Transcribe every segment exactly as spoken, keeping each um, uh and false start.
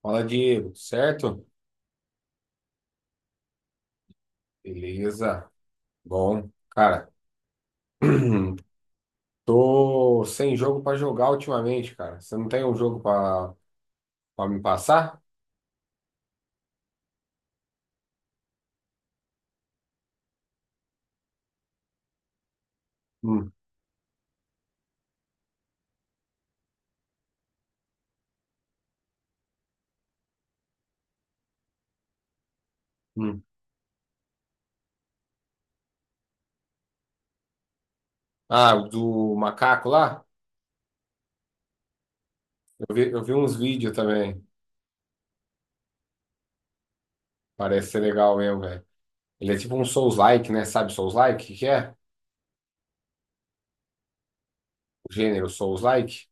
Fala, Diego, tudo certo? Beleza. Bom, cara, tô sem jogo pra jogar ultimamente, cara. Você não tem um jogo pra para me passar? Hum, hum. Ah, o do macaco lá? Eu vi, eu vi uns vídeos também. Parece ser legal mesmo, velho. Ele é tipo um Souls-like, né? Sabe Souls-like? O que que é? O gênero Souls-like?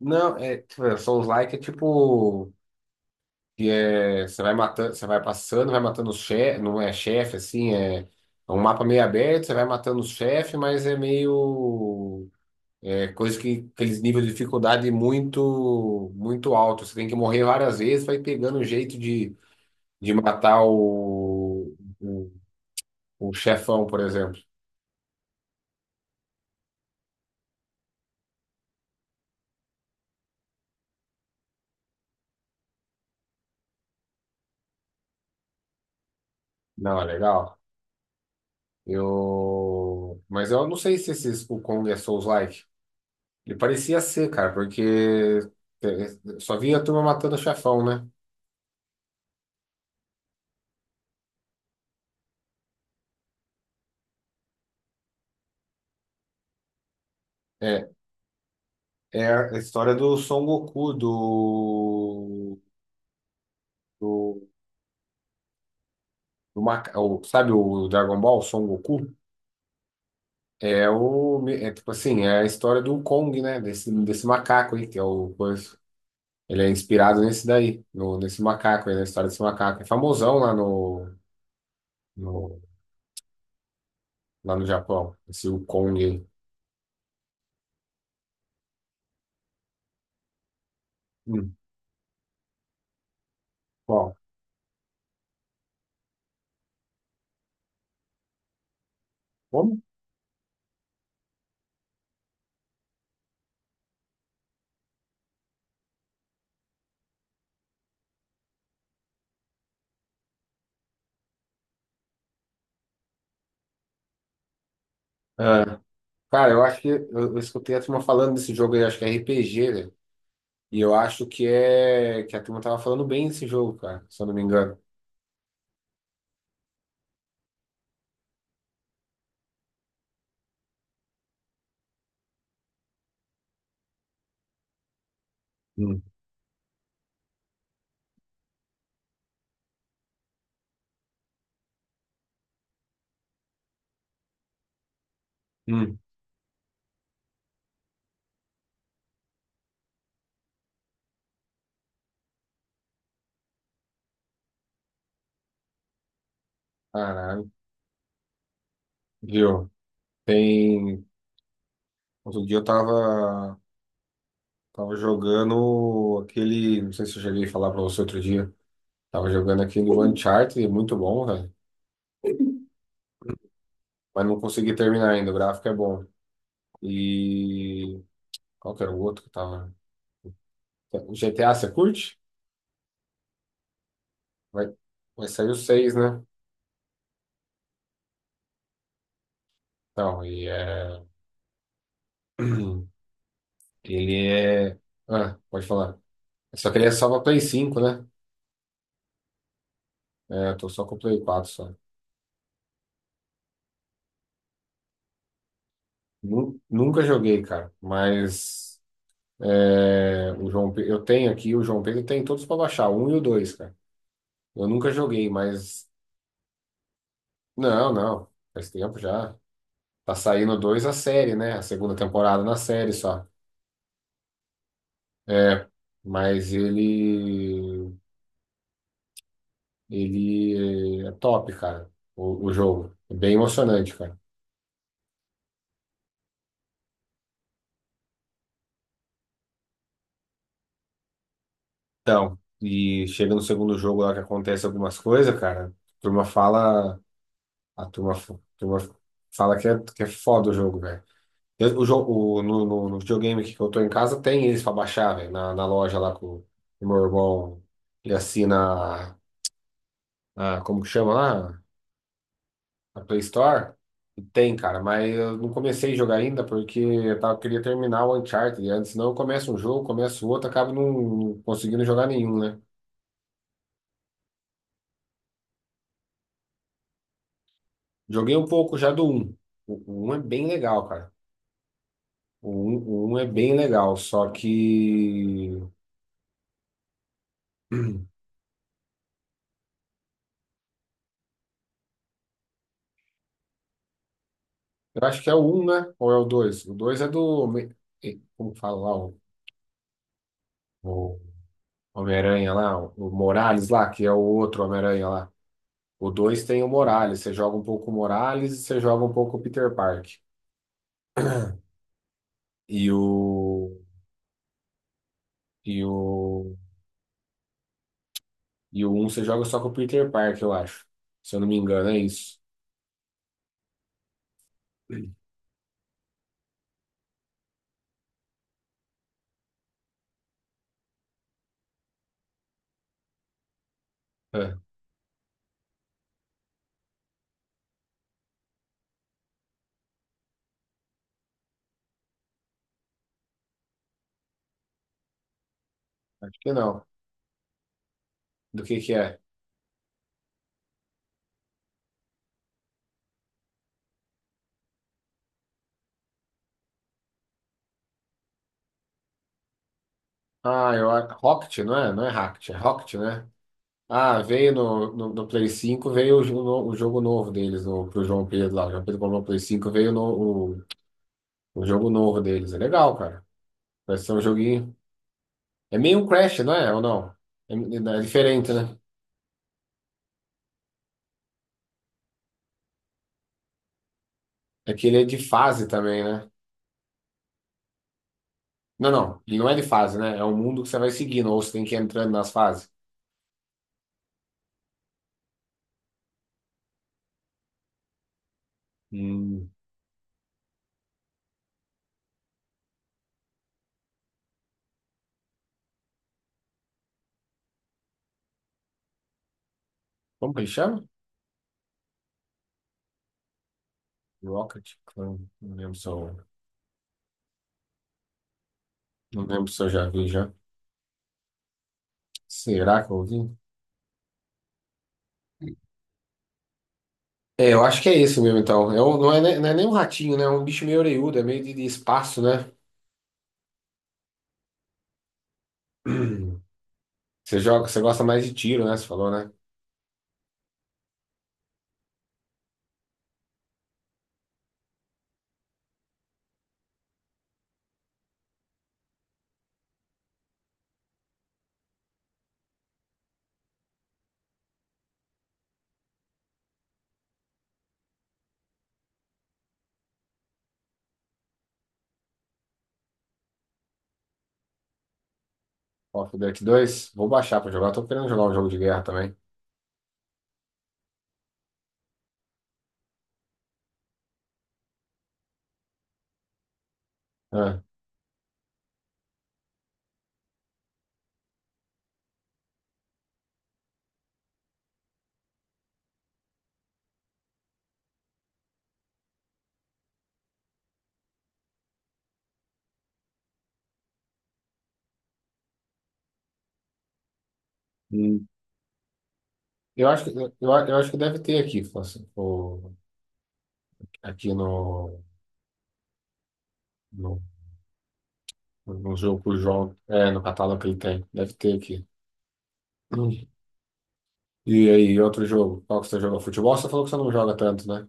Não, é, tipo, é, Souls-like é tipo que é, você vai matando, você vai passando, vai matando os chefe, não é chefe assim, é, é um mapa meio aberto, você vai matando os chefes, mas é meio é coisa que aqueles níveis de dificuldade muito muito alto, você tem que morrer várias vezes, vai pegando o jeito de, de matar o, o, o chefão, por exemplo. Não, é legal. Eu, mas eu não sei se esse o Kong é Souls-like. Ele parecia ser, cara, porque eh, só vinha a turma matando o chefão, né? É, É a história do Son Goku, do, do, do maca- o- sabe o Dragon Ball, Son Goku? É o, é tipo assim, é a história do Kong, né? Desse, desse macaco aí, que é o coisa. Ele é inspirado nesse daí, no, nesse macaco aí, na história desse macaco. É famosão lá no, no, lá no Japão, esse o Kong aí. Hum, bom, como? Ah, cara, eu acho que eu, eu escutei a turma falando desse jogo aí, acho que é R P G, né? E eu acho que é que a turma tava falando bem desse jogo, cara, se eu não me engano. Hum. Hum, caralho. Viu? Tem. Outro dia eu tava, tava jogando aquele. Não sei se eu cheguei a falar pra você outro dia. Tava jogando aquele Uncharted, é muito bom, velho. Mas não consegui terminar ainda, o gráfico é bom. E. Qual que era o outro que tava? O G T A, você curte? Vai, vai sair o seis, né? Então, e é. Ele é. Ah, pode falar. Só que ele é só pra Play cinco, né? É, eu tô só com o Play quatro só. Nu- Nunca joguei, cara. Mas é, o João, Pe- eu tenho aqui, o João Pedro tem todos pra baixar, o um e o dois, cara. Eu nunca joguei, mas. Não, não. Faz tempo já. Tá saindo o dois a série, né? A segunda temporada na série só. É, mas ele. Ele é top, cara. O, o jogo. É bem emocionante, cara. Então, e chega no segundo jogo lá que acontece algumas coisas, cara. A turma fala. A turma, f- a turma fala que é, que é foda o jogo, velho. Eu- O jogo, o- no, no, no videogame aqui que eu tô em casa, tem eles pra baixar, velho. Na, na loja lá com o meu irmão. Ele assina a, a- como que chama lá? A Play Store. E tem, cara, mas eu não comecei a jogar ainda porque eu tava, queria terminar o Uncharted antes. Senão eu começo um jogo, começo outro, acabo não não conseguindo jogar nenhum, né? Joguei um pouco já do um. O um é bem legal, cara. O um o um é bem legal, só que. Eu acho que é o um né? Ou é o dois. O dois é do. Home- eh, Como fala lá? O, o Homem-Aranha lá, o o Morales lá, que é o outro Homem-Aranha lá. O dois tem o Morales. Você joga um pouco o Morales e você joga um pouco o Peter Park. E o. E o. E o um você joga só com o Peter Park, eu acho. Se eu não me engano, é isso. É, acho que não. Do que que é? Ah, eu, a- Rocket, não é? Não é Rocket, é Rocket, né? Ah, veio no, no, no Play cinco, veio o jogo, no- o jogo novo deles, no pro João Pedro lá. O João Pedro comprou o Play cinco, veio no, o, o jogo novo deles. É legal, cara. Vai ser um joguinho. É meio um Crash, não é? Ou não? É, é diferente, né? É que ele é de fase também, né? Não, não, ele não é de fase, né? É um mundo que você vai seguindo, ou você tem que ir entrando nas fases. Hum, como que ele chama? Rocket Clan. Não lembro se eu, não lembro se eu já vi já. Será que eu vi? É, eu acho que é esse mesmo, então. É um- não é, ne- não é nem um ratinho, né? É um bicho meio orelhudo, é meio de, de espaço, né? Você joga, você gosta mais de tiro, né? Você falou, né? Call of Duty dois, vou baixar pra jogar. Eu tô querendo jogar um jogo de guerra também. Ah, hum. Eu acho que, eu, eu acho que deve ter aqui, fácil, o- aqui no, no, no jogo que o João, é, no catálogo que ele tem. Deve ter aqui. Hum. E aí, outro jogo? Qual que você joga? Futebol? Você falou que você não joga tanto, né?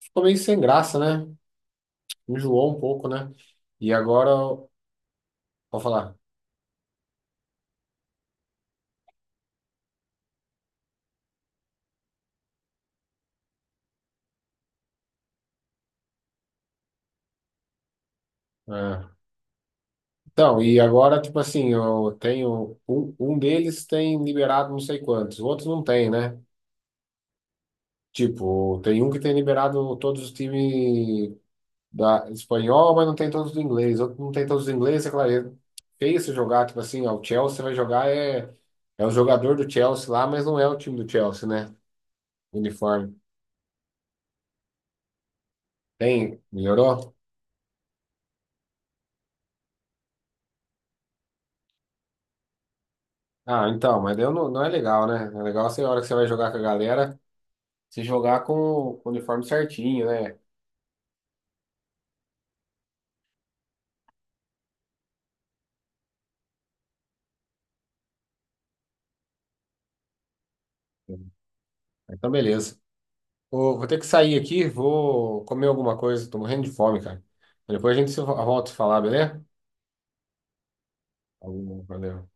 Ficou meio sem graça, né? Enjoou um pouco, né? E agora. Vou falar. É. Então, e agora, tipo assim, eu tenho. Um, um deles tem liberado não sei quantos, outros não tem, né? Tipo, tem um que tem liberado todos os times da espanhol, mas não tem todos os ingleses. Outro não tem todos os ingleses, é claro. É feio se jogar, tipo assim, ó, o Chelsea vai jogar é, é o jogador do Chelsea lá, mas não é o time do Chelsea, né? Uniforme. Tem? Melhorou? Ah, então, mas daí eu não, não é legal, né? É legal você, a hora que você vai jogar com a galera, se jogar com o uniforme certinho, né? Então, beleza. Ô, vou ter que sair aqui, vou comer alguma coisa, tô morrendo de fome, cara. Depois a gente se vo- volta a falar, beleza? Falou, valeu.